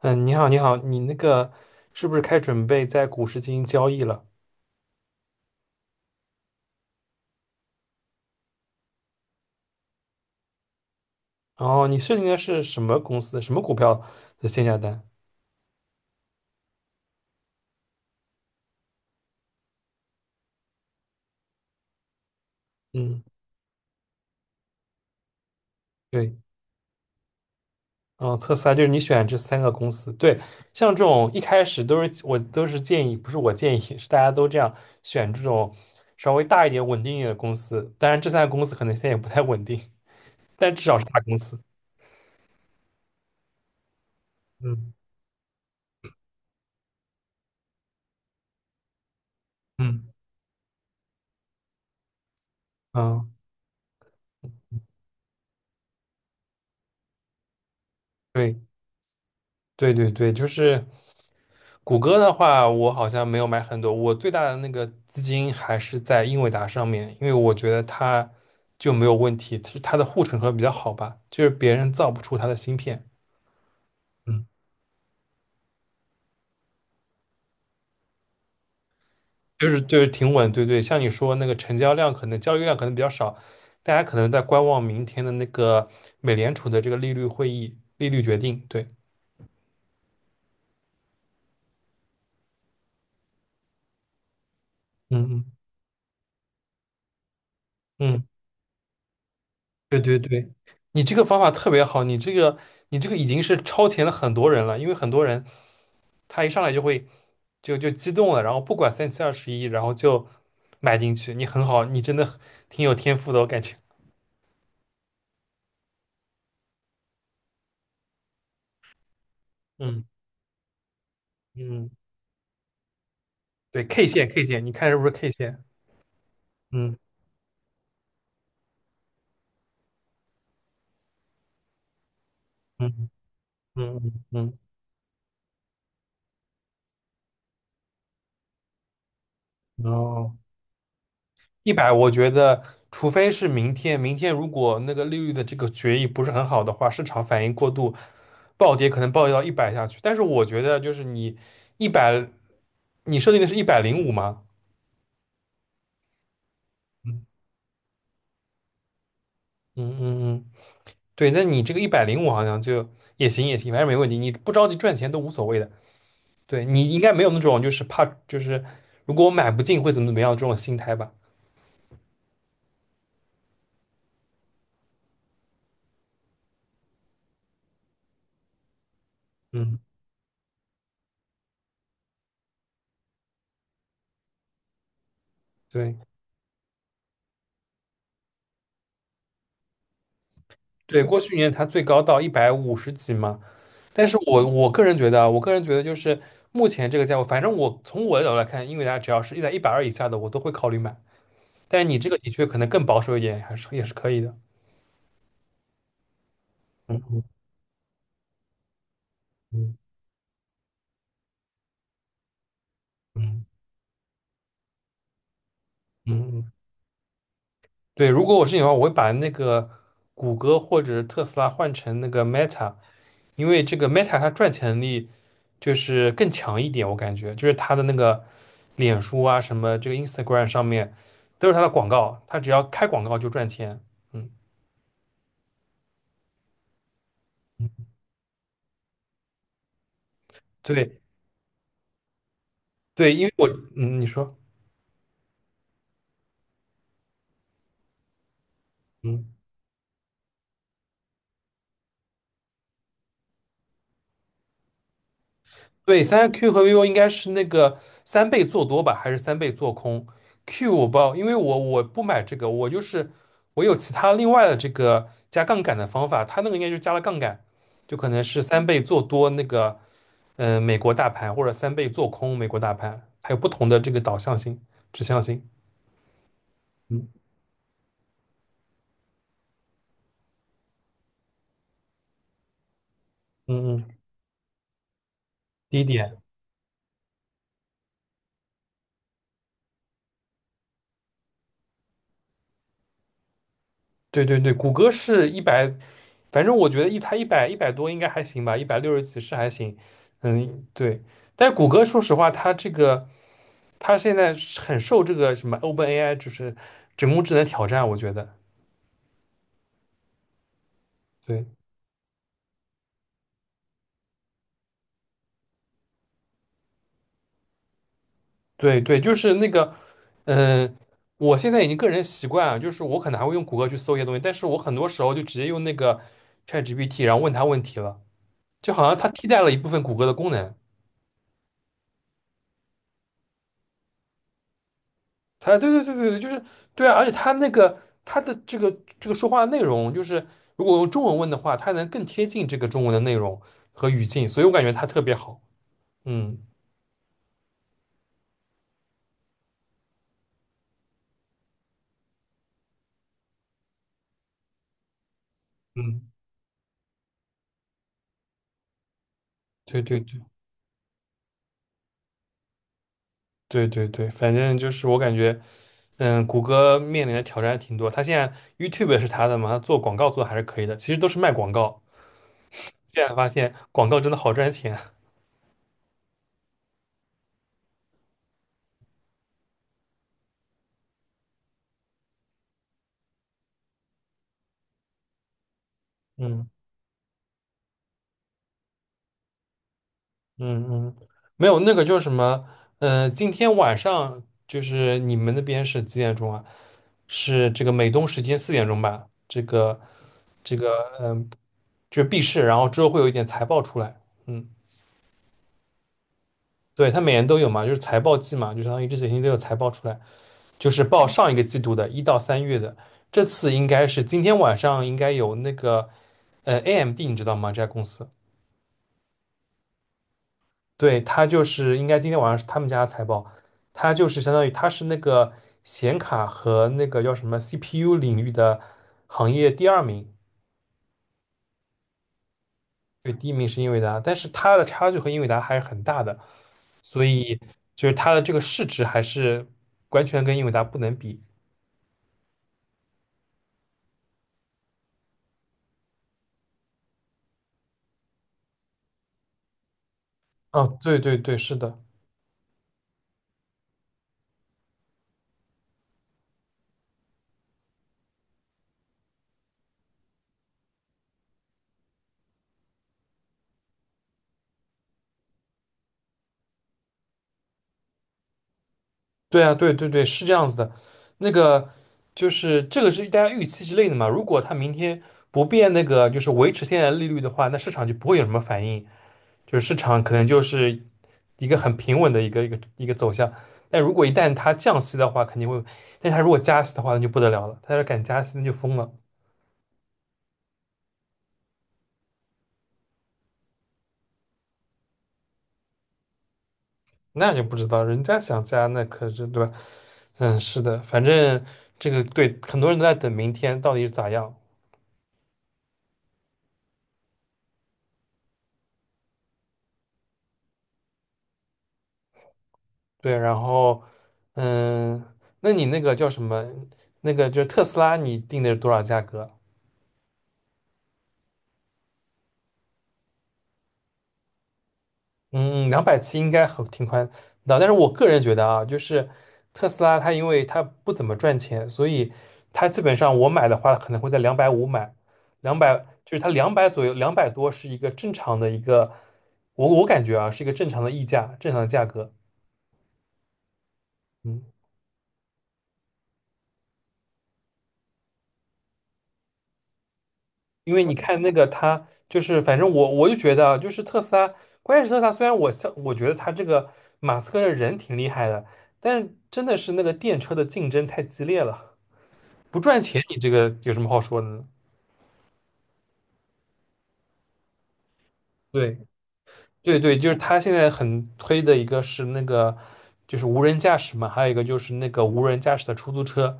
嗯，你好，你好，你那个是不是开始准备在股市进行交易了？然后你设定的是什么公司、什么股票的限价单？嗯，对，嗯，测试啊，就是你选这三个公司。对，像这种一开始都是我都是建议，不是我建议，是大家都这样选这种稍微大一点、稳定一点的公司。当然，这三个公司可能现在也不太稳定，但至少是大公司。嗯嗯嗯，对对对对，就是。谷歌的话，我好像没有买很多，我最大的那个资金还是在英伟达上面，因为我觉得它就没有问题，是它的护城河比较好吧，就是别人造不出它的芯片。嗯，就是挺稳，对对，像你说那个成交量可能交易量可能比较少，大家可能在观望明天的那个美联储的这个利率会议利率决定。对，嗯嗯嗯，对对对。你这个方法特别好，你这个已经是超前了很多人了，因为很多人他一上来就会就激动了，然后不管三七二十一，然后就买进去。你很好，你真的很挺有天赋的，我感觉。嗯嗯，对，K 线 K 线，你看是不是 K 线？嗯嗯嗯嗯嗯，哦，一百，我觉得除非是明天，明天如果那个利率的这个决议不是很好的话，市场反应过度，暴跌可能暴跌到一百下去。但是我觉得就是你一百，你设定的是一百零五吗？嗯嗯嗯嗯对，那你这个一百零五好像就也行也行，反正没问题，你不着急赚钱都无所谓的。对，你应该没有那种就是怕就是如果我买不进会怎么怎么样这种心态吧。嗯，对对，过去年它最高到一百五十几嘛，但是我个人觉得啊，我个人觉得就是目前这个价位，反正我从我的角度来看，英伟达只要是在120以下的，我都会考虑买。但是你这个的确可能更保守一点，还是也是可以的。嗯嗯嗯嗯。嗯对，如果我是你的话，我会把那个谷歌或者特斯拉换成那个 Meta，因为这个 Meta 它赚钱能力就是更强一点，我感觉就是它的那个脸书啊，什么这个 Instagram 上面都是它的广告，它只要开广告就赚钱。嗯，对对，因为我嗯，你说。嗯。对，三 Q 和 vivo 应该是那个3倍做多吧，还是三倍做空？Q 我不知道，因为我不买这个，我就是我有其他另外的这个加杠杆的方法，它那个应该就是加了杠杆，就可能是三倍做多那个美国大盘，或者三倍做空美国大盘，它有不同的这个导向性、指向性。嗯嗯嗯，第一点。对对对，谷歌是一百，反正我觉得它一百多应该还行吧，一百六十几是还行。嗯，对。但是谷歌说实话，它这个它现在是很受这个什么 OpenAI 就是人工智能挑战，我觉得。对对对，就是那个，嗯、我现在已经个人习惯啊，就是我可能还会用谷歌去搜一些东西，但是我很多时候就直接用那个 ChatGPT，然后问他问题了，就好像它替代了一部分谷歌的功能。他对对对对对，就是对啊，而且他那个他的这个说话内容，就是如果用中文问的话，他能更贴近这个中文的内容和语境，所以我感觉他特别好。嗯嗯，对对对对对对，反正就是我感觉，谷歌面临的挑战挺多。他现在 YouTube 是他的嘛，他做广告做的还是可以的，其实都是卖广告。现在发现广告真的好赚钱。嗯。嗯嗯，没有那个叫什么，今天晚上就是你们那边是几点钟啊？是这个美东时间4点钟吧？这个，嗯、就是闭市，然后之后会有一点财报出来。嗯，对，它每年都有嘛，就是财报季嘛，就相当于这几天都有财报出来，就是报上一个季度的1到3月的，这次应该是今天晚上应该有那个，AMD 你知道吗？这家公司。对，它就是应该今天晚上是他们家的财报，它就是相当于它是那个显卡和那个叫什么 CPU 领域的行业第二名。对，第一名是英伟达，但是它的差距和英伟达还是很大的，所以就是它的这个市值还是完全跟英伟达不能比。嗯，对对对，是的，对啊，对对对，是这样子的。那个就是这个是大家预期之内的嘛。如果它明天不变那个就是维持现在的利率的话，那市场就不会有什么反应。就是市场可能就是一个很平稳的一个走向。但如果一旦它降息的话，肯定会；但是它如果加息的话，那就不得了了。它要敢加息，那就疯了。那就不知道，人家想加，那可是对吧？嗯，是的，反正这个对很多人都在等明天到底是咋样。对，然后嗯，那你那个叫什么？那个就是特斯拉，你定的是多少价格？嗯，270应该很挺宽的，但是我个人觉得啊，就是特斯拉它因为它不怎么赚钱，所以它基本上我买的话可能会在250买，两百就是它两百左右，200多是一个正常的一个，我感觉啊是一个正常的溢价，正常的价格。嗯，因为你看那个它就是反正我就觉得啊，就是特斯拉，关键是特斯拉虽然我像我觉得它这个马斯克的人挺厉害的，但是真的是那个电车的竞争太激烈了。不赚钱，你这个有什么好说的呢？对，对对，就是他现在很推的一个是那个，就是无人驾驶嘛，还有一个就是那个无人驾驶的出租车。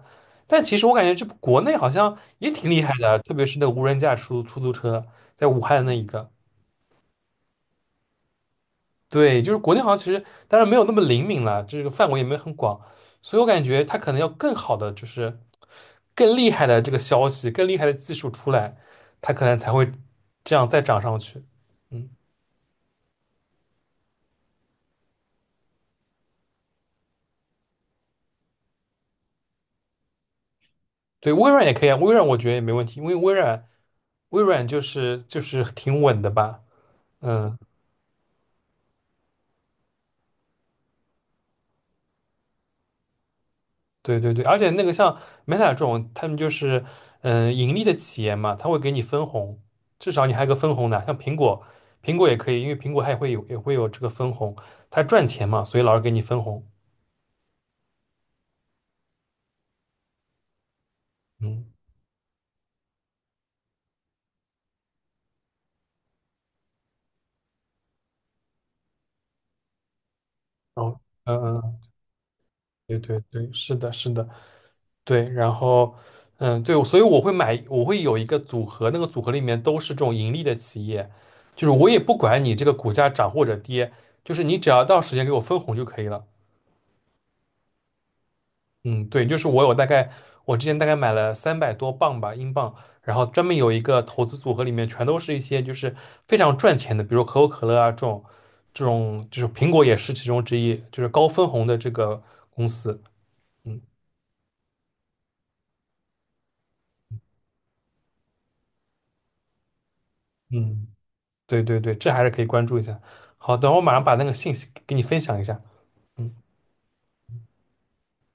但其实我感觉这国内好像也挺厉害的，特别是那个无人驾驶出租车，在武汉的那一个。对，就是国内好像其实当然没有那么灵敏了，这个范围也没有很广，所以我感觉它可能要更好的就是更厉害的这个消息，更厉害的技术出来，它可能才会这样再涨上去。嗯。对，微软也可以啊，微软我觉得也没问题，因为微软就是挺稳的吧。嗯，对对对，而且那个像 Meta 这种，他们就是盈利的企业嘛，他会给你分红，至少你还有个分红的，像苹果也可以，因为苹果它也会有这个分红，它赚钱嘛，所以老是给你分红。嗯，哦，嗯嗯。对对对，是的，是的，对，然后，嗯，对，所以我会买，我会有一个组合，那个组合里面都是这种盈利的企业，就是我也不管你这个股价涨或者跌，就是你只要到时间给我分红就可以了。嗯，对，就是我有大概，我之前大概买了300多磅吧，英镑，然后专门有一个投资组合，里面全都是一些就是非常赚钱的，比如可口可乐啊这种，这种就是苹果也是其中之一，就是高分红的这个公司。嗯。嗯。对对对，这还是可以关注一下。好，等我马上把那个信息给你分享一下。嗯。